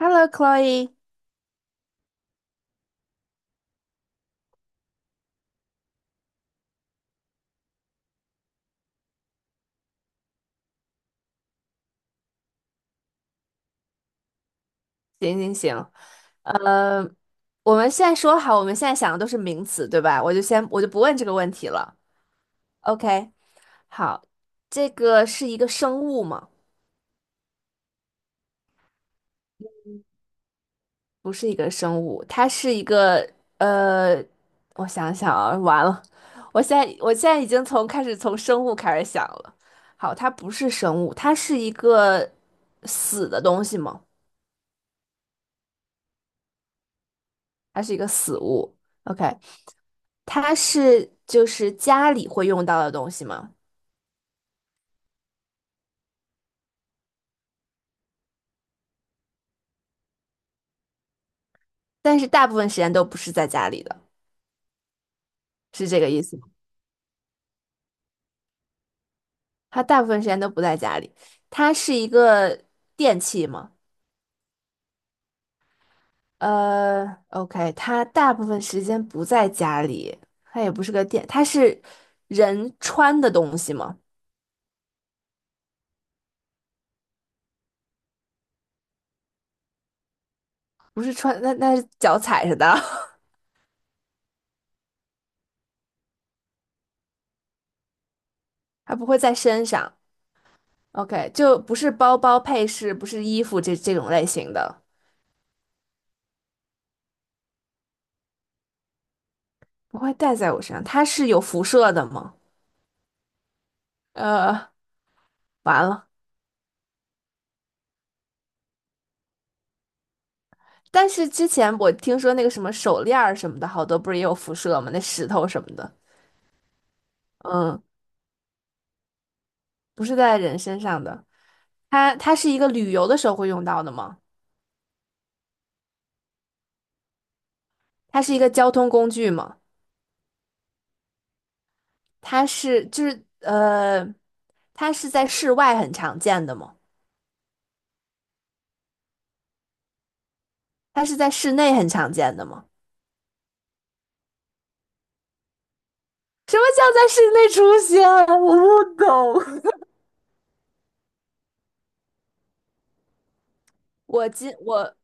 Hello, Chloe。行行行，我们现在说好，我们现在想的都是名词，对吧？我就不问这个问题了。OK，好，这个是一个生物吗？不是一个生物，它是一个呃，我想想啊，完了，我现在已经从开始从生物开始想了。好，它不是生物，它是一个死的东西吗？它是一个死物。OK，它是就是家里会用到的东西吗？但是大部分时间都不是在家里的，是这个意思吗？它大部分时间都不在家里，它是一个电器吗？OK，它大部分时间不在家里，它也不是个电，它是人穿的东西吗？不是穿，那是脚踩着的，它不会在身上。OK，就不是包包配饰，不是衣服这种类型的，不会戴在我身上。它是有辐射的吗？呃，完了。但是之前我听说那个什么手链儿什么的，好多不是也有辐射吗？那石头什么的，嗯，不是在人身上的。它是一个旅游的时候会用到的吗？它是一个交通工具吗？它是就是它是在室外很常见的吗？它是在室内很常见的吗？什么叫在室内出现啊？我不懂。我今我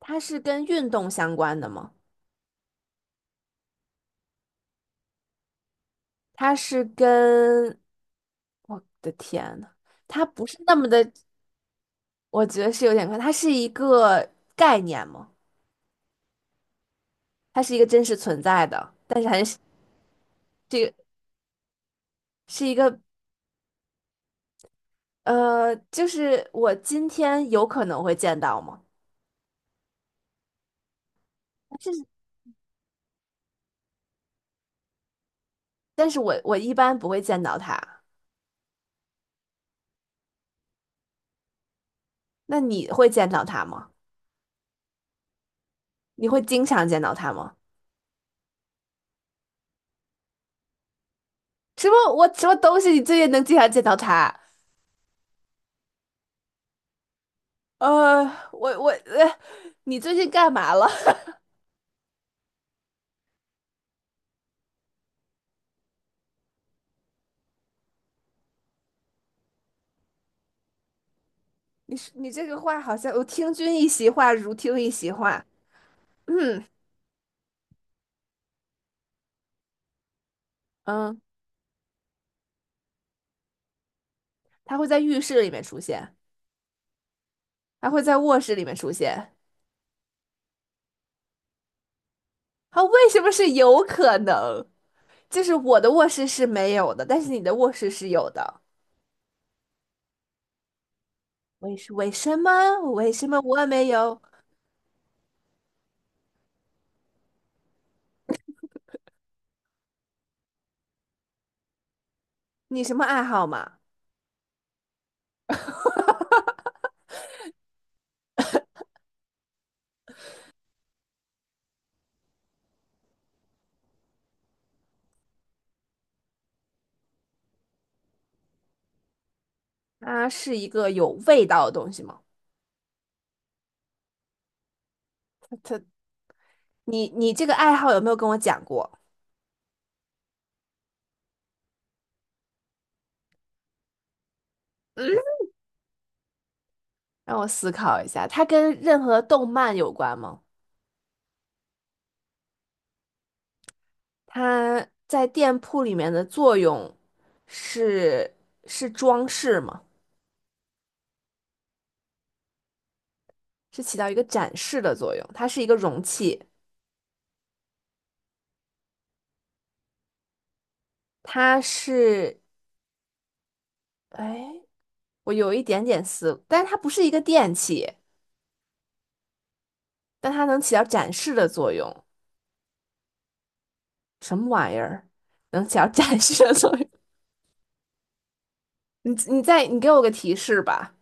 它是跟运动相关的吗？它是跟我的天呐，它不是那么的，我觉得是有点快，它是一个概念嘛，它是一个真实存在的，但是还是这个是一个就是我今天有可能会见到吗？但是，但是我一般不会见到他。那你会见到他吗？你会经常见到他吗？什么东西你最近能经常见到他？呃，我我呃，你最近干嘛了？你这个话好像我听君一席话，如听一席话。嗯嗯，它会在浴室里面出现。它会在卧室里面出现。它为什么是有可能？就是我的卧室是没有的，但是你的卧室是有的。为什么？为什么我没有？你什么爱好嘛？它是一个有味道的东西吗？它，你这个爱好有没有跟我讲过？嗯，让我思考一下，它跟任何动漫有关吗？它在店铺里面的作用是是装饰吗？是起到一个展示的作用，它是一个容器。它是，哎，我有一点点思，但是它不是一个电器，但它能起到展示的作用。什么玩意儿能起到展示的作用？你给我个提示吧。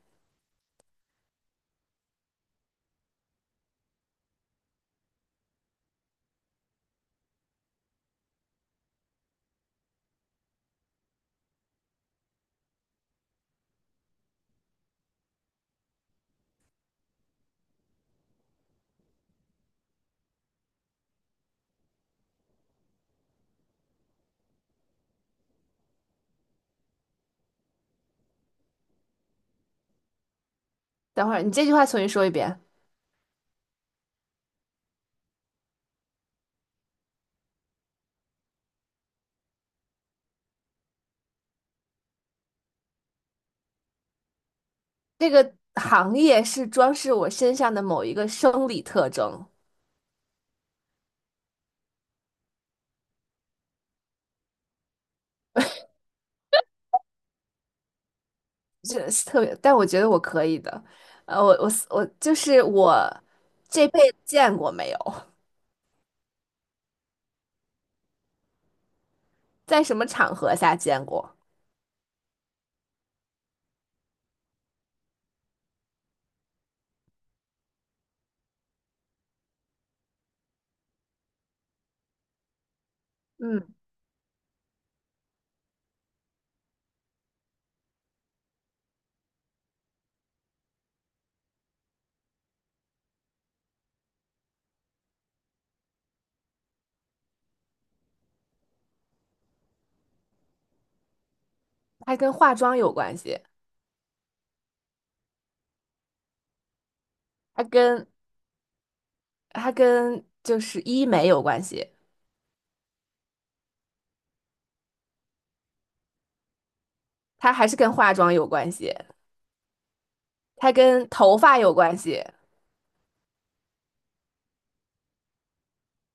等会儿你这句话重新说一遍。这个行业是装饰我身上的某一个生理特征，这是特别，但我觉得我可以的。呃，我我我就是我这辈子见过没有，在什么场合下见过？嗯，还跟化妆有关系。它跟它跟就是医美有关系，它还是跟化妆有关系，它跟头发有关系，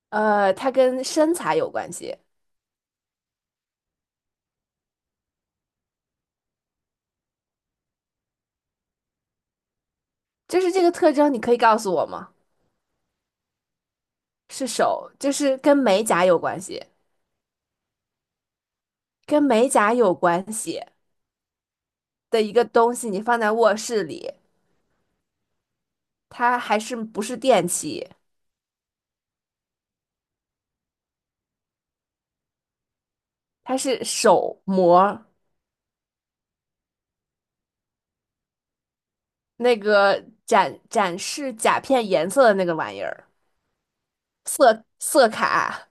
呃，它跟身材有关系。就是这个特征，你可以告诉我吗？是手，就是跟美甲有关系，跟美甲有关系的一个东西，你放在卧室里，它还是不是电器？它是手膜，那个展示甲片颜色的那个玩意儿，色卡。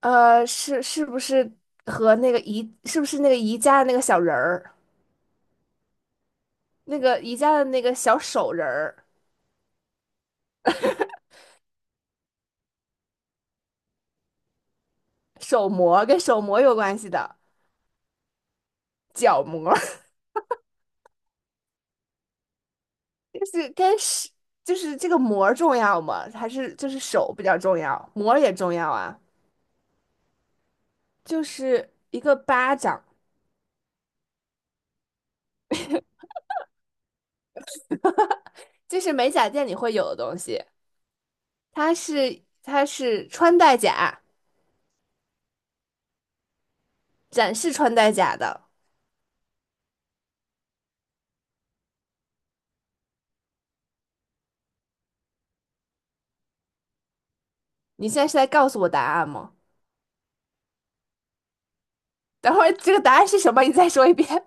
呃，是不是和那个宜是不是那个宜家的那个小人儿，那个宜家的那个小手人儿，手模跟手模有关系的，脚模 就是跟是就是这个模儿重要吗？还是就是手比较重要，模儿也重要啊？就是一个巴掌，就是美甲店里会有的东西，它是穿戴甲，展示穿戴甲的。你现在是在告诉我答案吗？等会儿这个答案是什么？你再说一遍。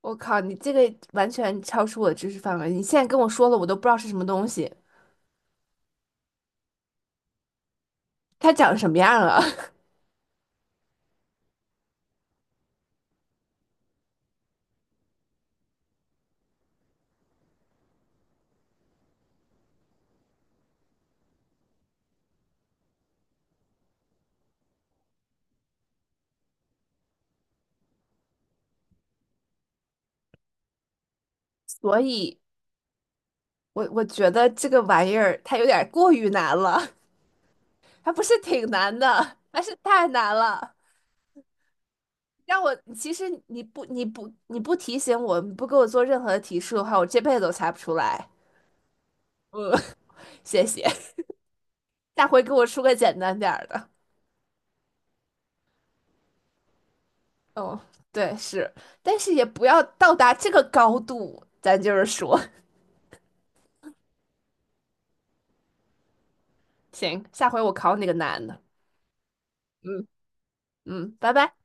我靠，你这个完全超出我的知识范围。你现在跟我说了，我都不知道是什么东西，它长什么样了。所以，我觉得这个玩意儿它有点过于难了，它不是挺难的，它是太难了。让我，其实你不提醒我，你不给我做任何的提示的话，我这辈子都猜不出来。嗯，谢谢，下回给我出个简单点儿的。哦，对，是，但是也不要到达这个高度，咱就是说，行，下回我考你个难的。嗯嗯，拜拜。